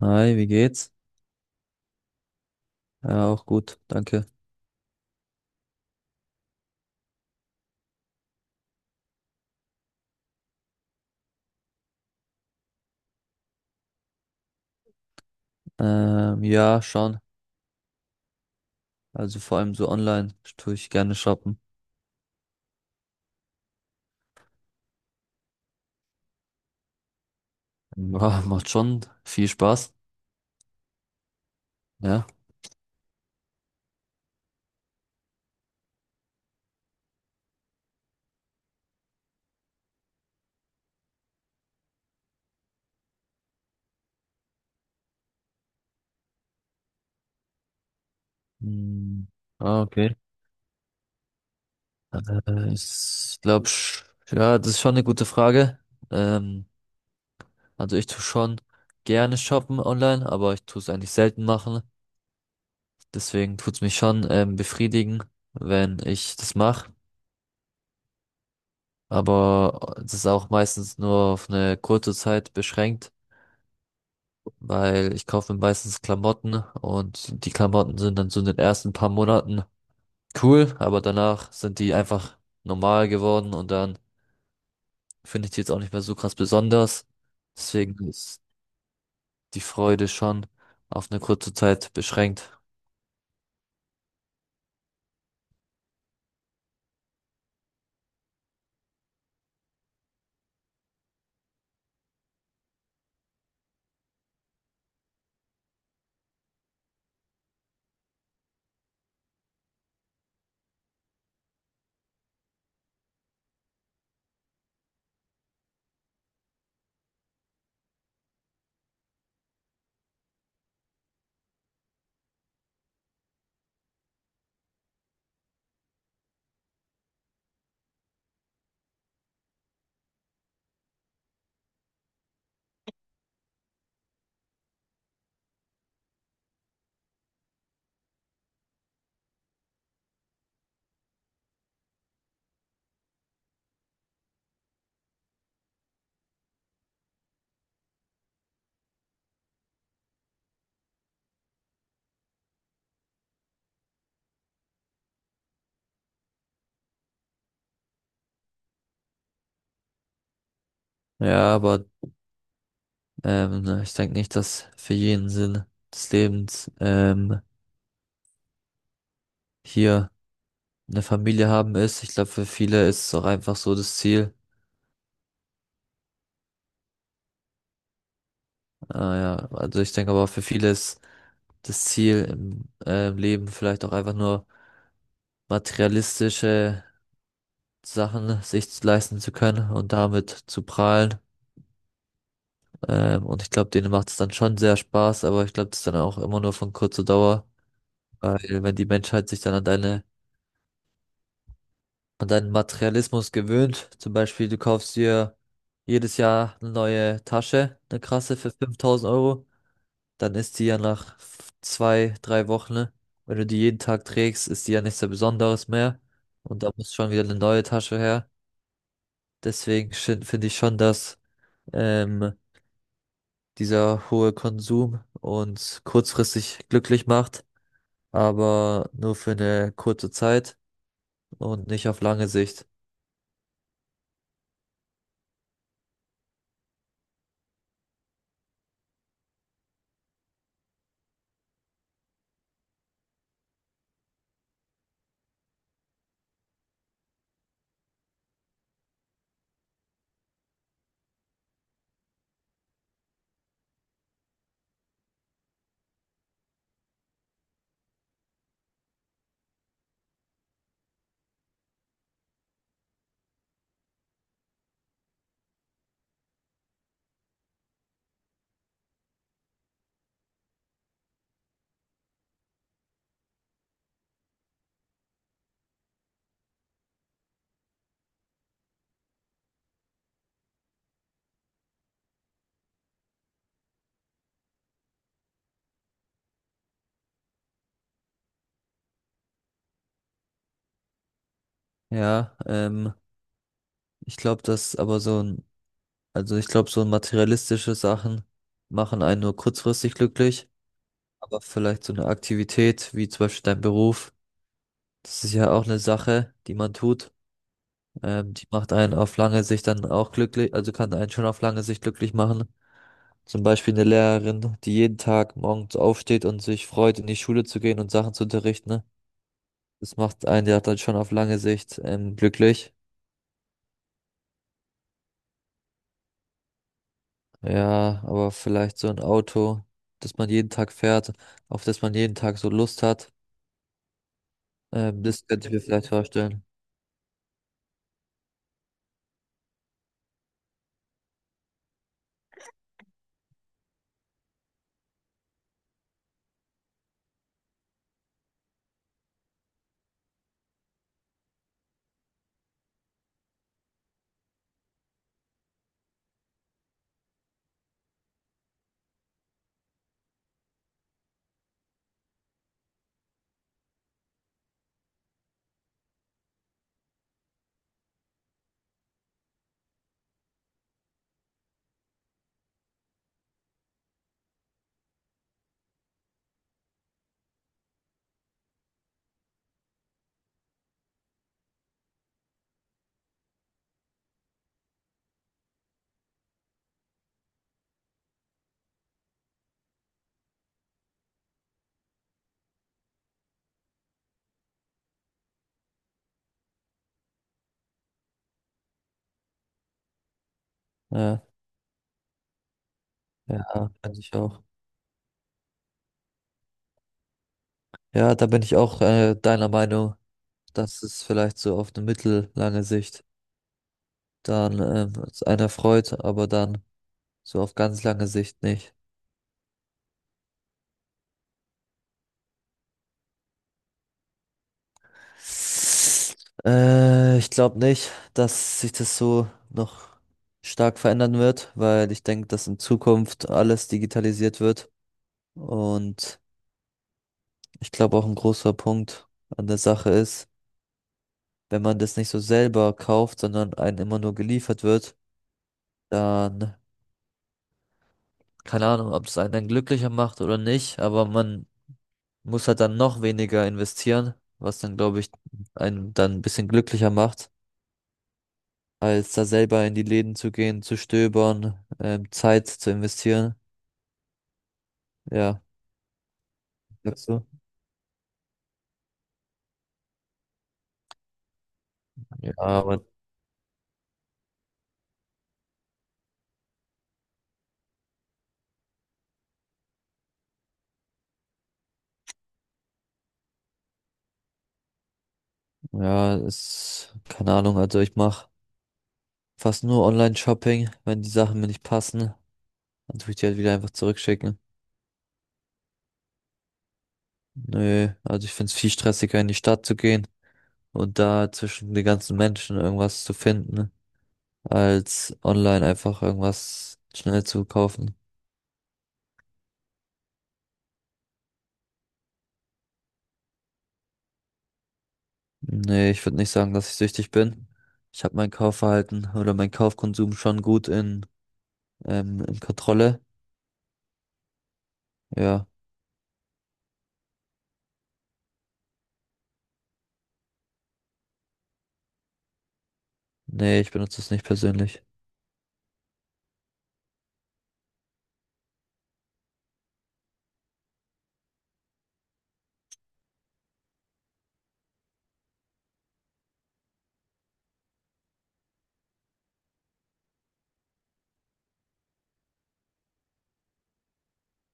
Hi, wie geht's? Ja, auch gut, danke. Ja, schon. Also vor allem so online tue ich gerne shoppen. Ja, macht schon viel Spaß. Ja. Hm, ah, okay. Ich glaube, ja, das ist schon eine gute Frage. Ähm, also ich tue schon gerne shoppen online, aber ich tue es eigentlich selten machen. Deswegen tut's mich schon befriedigen, wenn ich das mache. Aber das ist auch meistens nur auf eine kurze Zeit beschränkt, weil ich kaufe mir meistens Klamotten und die Klamotten sind dann so in den ersten paar Monaten cool, aber danach sind die einfach normal geworden und dann finde ich die jetzt auch nicht mehr so krass besonders. Deswegen ist die Freude schon auf eine kurze Zeit beschränkt. Ja, aber ne, ich denke nicht, dass für jeden Sinn des Lebens hier eine Familie haben ist. Ich glaube, für viele ist es auch einfach so das Ziel. Ah, ja, also ich denke aber für viele ist das Ziel im Leben vielleicht auch einfach nur materialistische Sachen sich leisten zu können und damit zu prahlen. Und ich glaube, denen macht es dann schon sehr Spaß, aber ich glaube, das ist dann auch immer nur von kurzer Dauer, weil wenn die Menschheit sich dann an deinen Materialismus gewöhnt, zum Beispiel du kaufst dir jedes Jahr eine neue Tasche, eine krasse für 5000 Euro, dann ist die ja nach zwei, drei Wochen, ne? Wenn du die jeden Tag trägst, ist die ja nichts sehr Besonderes mehr. Und da muss schon wieder eine neue Tasche her. Deswegen finde ich schon, dass ähm, dieser hohe Konsum uns kurzfristig glücklich macht, aber nur für eine kurze Zeit und nicht auf lange Sicht. Ja, ich glaube, dass aber also ich glaube, so materialistische Sachen machen einen nur kurzfristig glücklich. Aber vielleicht so eine Aktivität wie zum Beispiel dein Beruf, das ist ja auch eine Sache, die man tut. Die macht einen auf lange Sicht dann auch glücklich, also kann einen schon auf lange Sicht glücklich machen. Zum Beispiel eine Lehrerin, die jeden Tag morgens aufsteht und sich freut, in die Schule zu gehen und Sachen zu unterrichten. Ne? Das macht einen ja dann schon auf lange Sicht glücklich. Ja, aber vielleicht so ein Auto, das man jeden Tag fährt, auf das man jeden Tag so Lust hat. Das könnte ich mir vielleicht vorstellen. Ja, ja, kann ich auch. Ja, da bin ich auch deiner Meinung, dass es vielleicht so auf eine mittellange Sicht dann es einen erfreut, aber dann so auf ganz lange Sicht nicht. Ich glaube nicht, dass sich das so noch stark verändern wird, weil ich denke, dass in Zukunft alles digitalisiert wird. Und ich glaube auch ein großer Punkt an der Sache ist, wenn man das nicht so selber kauft, sondern einem immer nur geliefert wird, dann keine Ahnung, ob es einen dann glücklicher macht oder nicht, aber man muss halt dann noch weniger investieren, was dann, glaube ich, einen dann ein bisschen glücklicher macht, als da selber in die Läden zu gehen, zu stöbern, Zeit zu investieren. Ja, sagst du? Ja, aber ja, ist, keine Ahnung, also ich mache fast nur Online-Shopping. Wenn die Sachen mir nicht passen, dann tue ich die halt wieder einfach zurückschicken. Nö, also ich finde es viel stressiger, in die Stadt zu gehen und da zwischen den ganzen Menschen irgendwas zu finden, als online einfach irgendwas schnell zu kaufen. Nee, ich würde nicht sagen, dass ich süchtig bin. Ich habe mein Kaufverhalten oder mein Kaufkonsum schon gut in Kontrolle. Ja, nee, ich benutze es nicht persönlich.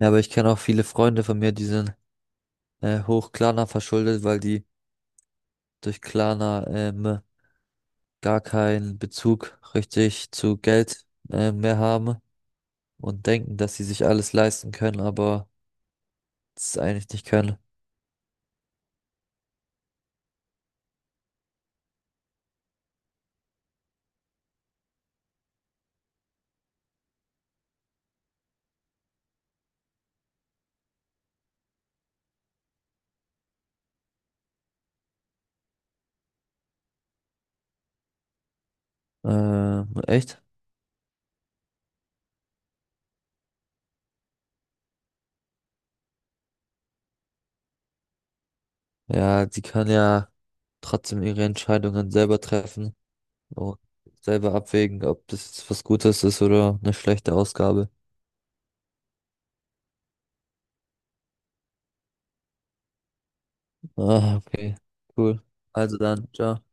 Ja, aber ich kenne auch viele Freunde von mir, die sind hoch Klarna verschuldet, weil die durch Klarna gar keinen Bezug richtig zu Geld mehr haben und denken, dass sie sich alles leisten können, aber es eigentlich nicht können. Echt? Ja, die kann ja trotzdem ihre Entscheidungen selber treffen und selber abwägen, ob das jetzt was Gutes ist oder eine schlechte Ausgabe. Ah, okay, cool. Also dann, ciao.